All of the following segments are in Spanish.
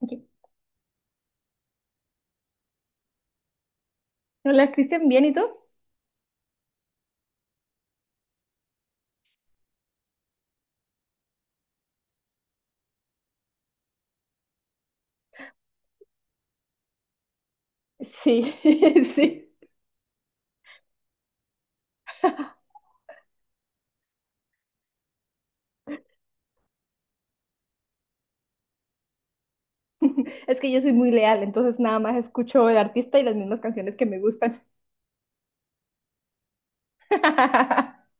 Ok. Hola, Cristian, ¿bien y tú? Sí, sí. Es que yo soy muy leal, entonces nada más escucho el artista y las mismas canciones que me gustan.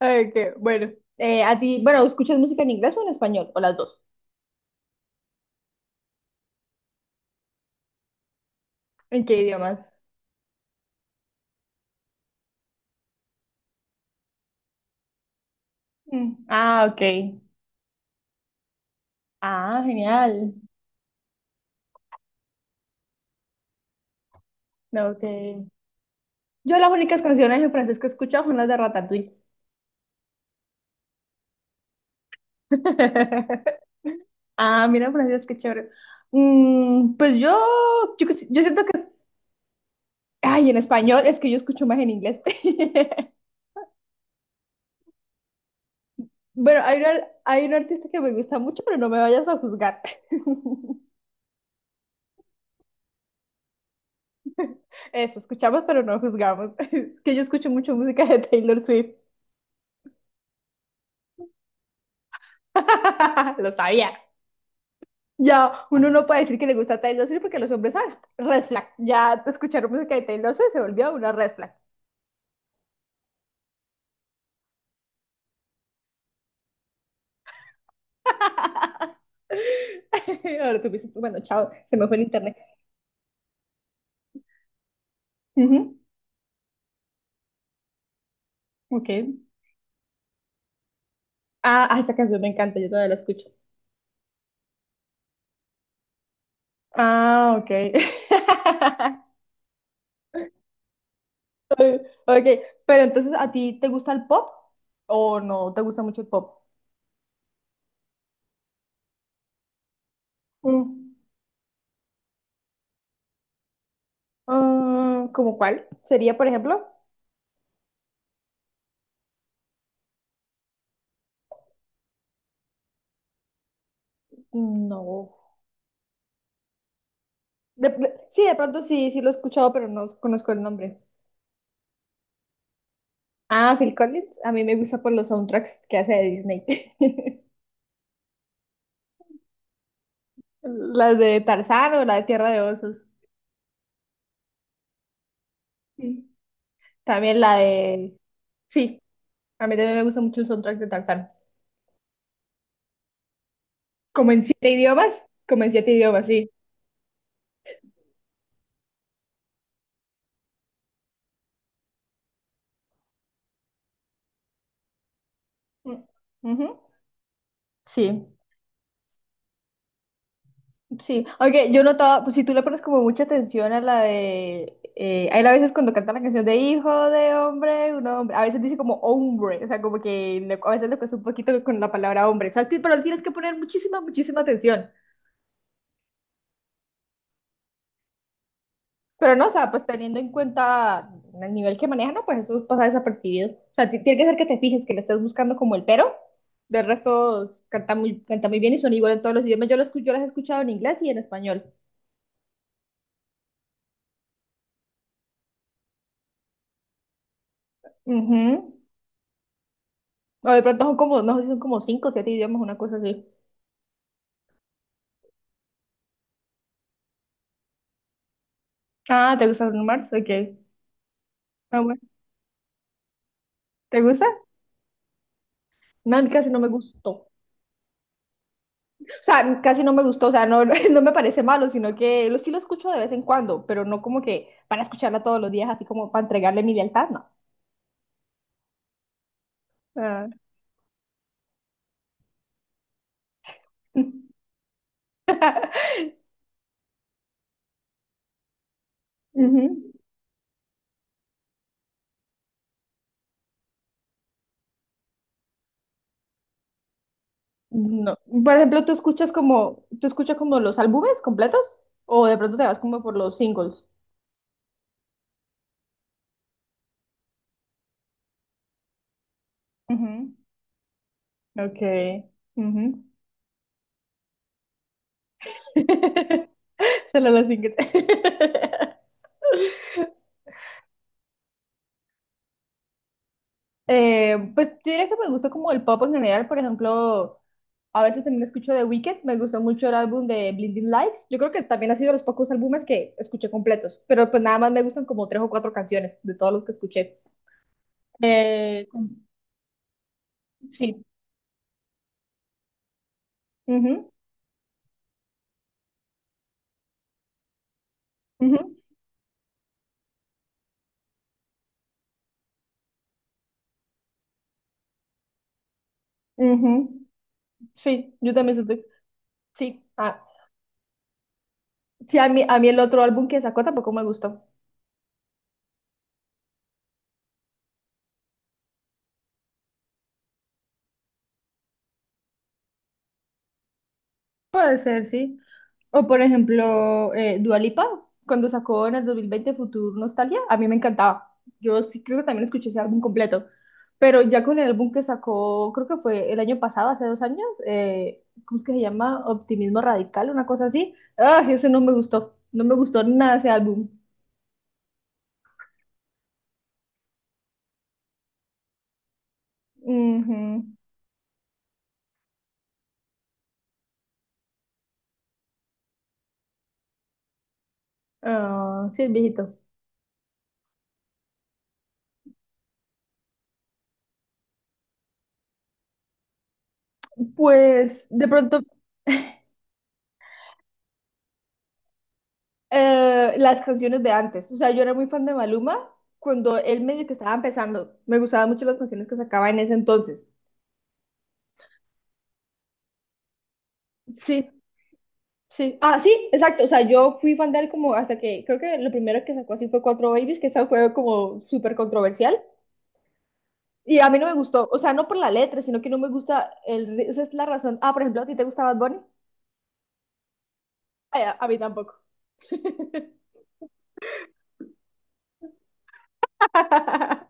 Ok, bueno. A ti, bueno, ¿escuchas música en inglés o en español? ¿O las dos? ¿En qué idiomas? Mm, ah, ok. Ah, genial. No, ok. Yo las únicas canciones en francés que he escuchado son las de Ratatouille. Ah, mira, Francisco, qué chévere. Mm, pues yo siento que... Ay, en español, es que yo escucho más en inglés. Bueno, hay un artista que me gusta mucho, pero no me vayas a juzgar. Eso, escuchamos, pero no juzgamos. Es que yo escucho mucho música de Taylor Swift. Lo sabía. Ya, uno no puede decir que le gusta Taylor Swift porque los hombres, ¿sabes? Red flag. Ya escucharon música de Taylor Swift se volvió una red flag. Ahora tú dices, bueno, chao, se me fue el internet. Ujú, ok. Ah, ah, esa canción me encanta, yo todavía la escucho. Ah, ok. Ok, pero entonces, ¿a ti te gusta el pop o no te gusta mucho el pop? Mm, ah, ¿cómo cuál? ¿Sería, por ejemplo? No. Sí, de pronto sí, sí lo he escuchado, pero no conozco el nombre. Ah, Phil Collins. A mí me gusta por los soundtracks que hace de Disney. Las de Tarzán o la de Tierra de Osos. Sí. También la de... Sí, a mí también me gusta mucho el soundtrack de Tarzán. Como en siete idiomas, como en siete idiomas, sí. Mm, ujú, sí, sí. Aunque yo notaba, pues si tú le pones como mucha atención a la de... a él a veces cuando canta la canción de hijo de hombre, un hombre, a veces dice como hombre, o sea, como que a veces le cuesta un poquito con la palabra hombre, o sea, pero tienes que poner muchísima, muchísima atención. Pero no, o sea, pues teniendo en cuenta el nivel que maneja, no, pues eso pasa desapercibido. O sea, tiene que ser que te fijes, que le estés buscando como el pero. Del resto canta muy bien y son igual en todos los idiomas. Yo las he escuchado en inglés y en español. Ujú. O de pronto son como, no sé, si son como cinco o siete idiomas, una cosa así. Ah, ¿te gusta Bruno Mars? Ok. Ah, bueno. ¿Te gusta? No, a mí casi no me gustó. O sea, casi no me gustó, o sea, no, no me parece malo, sino que sí lo escucho de vez en cuando, pero no como que para escucharla todos los días, así como para entregarle mi lealtad, no. Ah. Ujú. No. Por ejemplo, ¿tú escuchas como los álbumes completos? ¿O de pronto te vas como por los singles? Ujú. Ok. Ujú. Solo los singles. Pues yo diría que me gusta como el pop en general, por ejemplo, a veces también escucho The Weeknd, me gustó mucho el álbum de Blinding Lights, yo creo que también ha sido de los pocos álbumes que escuché completos, pero pues nada más me gustan como tres o cuatro canciones de todos los que escuché. Eh, con- sí, ujú, ujú, ujú. Sí, yo también siento... Sí, ah, sí, a mí el otro álbum que sacó tampoco me gustó. Puede ser, sí. O por ejemplo, Dua Lipa, cuando sacó en el 2020 Futur Nostalgia, a mí me encantaba. Yo sí creo que también escuché ese álbum completo. Pero ya con el álbum que sacó, creo que fue el año pasado, hace 2 años, ¿cómo es que se llama? Optimismo Radical, una cosa así. Ah, ese no me gustó. No me gustó nada ese álbum. Ujú. Ah, sí, el viejito. Pues de pronto las canciones de antes. O sea, yo era muy fan de Maluma cuando él medio que estaba empezando. Me gustaban mucho las canciones que sacaba en ese entonces. Sí, sí. Ah, sí, exacto. O sea, yo fui fan de él como hasta que creo que lo primero que sacó así fue Cuatro Babies, que esa fue como súper controversial. Y a mí no me gustó. O sea, no por la letra, sino que no me gusta el... Esa es la razón. Ah, por ejemplo, ¿a ti te gustaba Bad Bunny? Ay, a mí tampoco.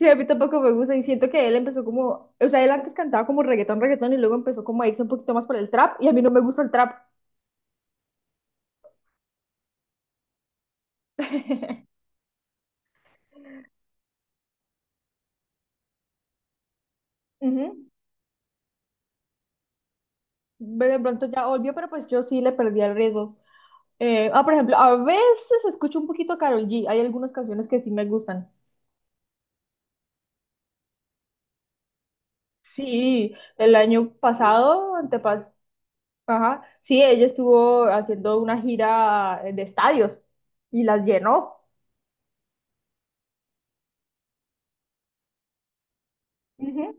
Sí, a mí tampoco me gusta y siento que él empezó como, o sea, él antes cantaba como reggaetón, reggaetón y luego empezó como a irse un poquito más por el trap y a mí no me gusta el trap. Ujú. Ve, de pronto ya volvió, pero pues yo sí le perdí el ritmo. Ah, por ejemplo, a veces escucho un poquito a Karol G. Hay algunas canciones que sí me gustan. Sí, el año pasado, ajá, sí, ella estuvo haciendo una gira de estadios y las llenó. Ujú.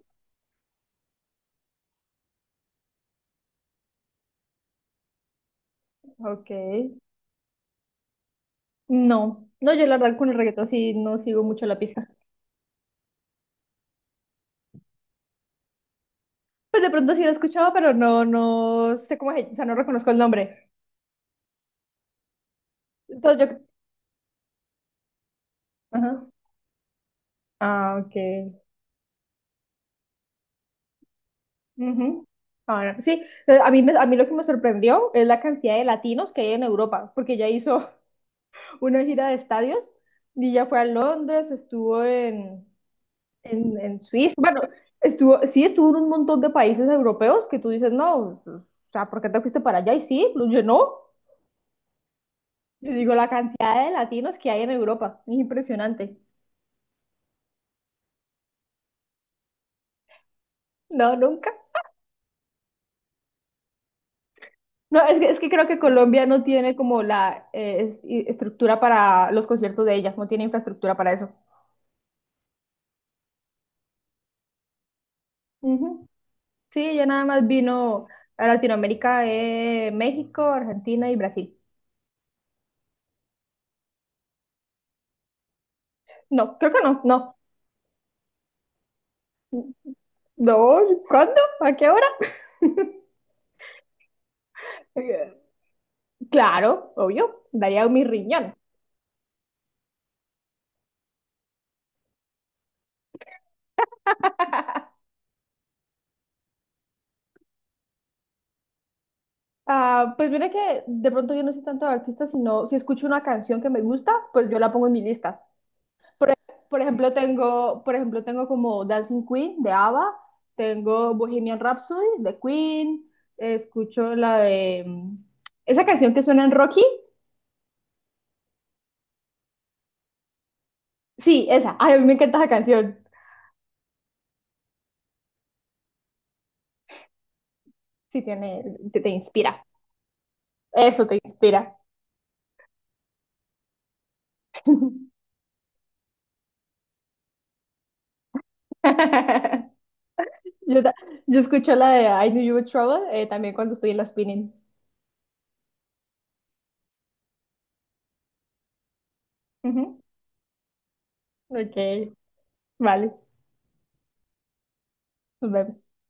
Ok. No, no, yo la verdad con el reggaetón sí no sigo mucho la pista. Pues de pronto sí lo he escuchado, pero no, no sé cómo es, o sea, no reconozco el nombre. Entonces yo, ajá, ah, ok. Ujú. Ah, no, sí, a mí lo que me sorprendió es la cantidad de latinos que hay en Europa, porque ella hizo una gira de estadios y ya fue a Londres, estuvo en Suiza, bueno, sí estuvo en un montón de países europeos que tú dices, no, o sea, ¿por qué te fuiste para allá? Y sí, pues, yo no, yo digo, la cantidad de latinos que hay en Europa, es impresionante. No, nunca. No, es que creo que Colombia no tiene como la estructura para los conciertos de ellas, no tiene infraestructura para eso. Ujú. Sí, ella nada más vino a Latinoamérica, México, Argentina y Brasil. No, creo que no, no. No, ¿cuándo? ¿A qué hora? Eh, Claro, obvio, daría mi riñón. Ah, pues mira que de pronto yo no soy tanto de artista, sino si escucho una canción que me gusta, pues yo la pongo en mi lista. Por ejemplo, tengo como Dancing Queen de ABBA, tengo Bohemian Rhapsody de Queen, escucho la de esa canción que suena en Rocky. Sí, esa. Ay, a mí me encanta esa canción. Sí, te inspira. Eso te inspira. Yo, ta- yo escucho la de I Knew You Were Trouble también cuando estoy en la spinning. Ujú. Ok, vale, nos vemos.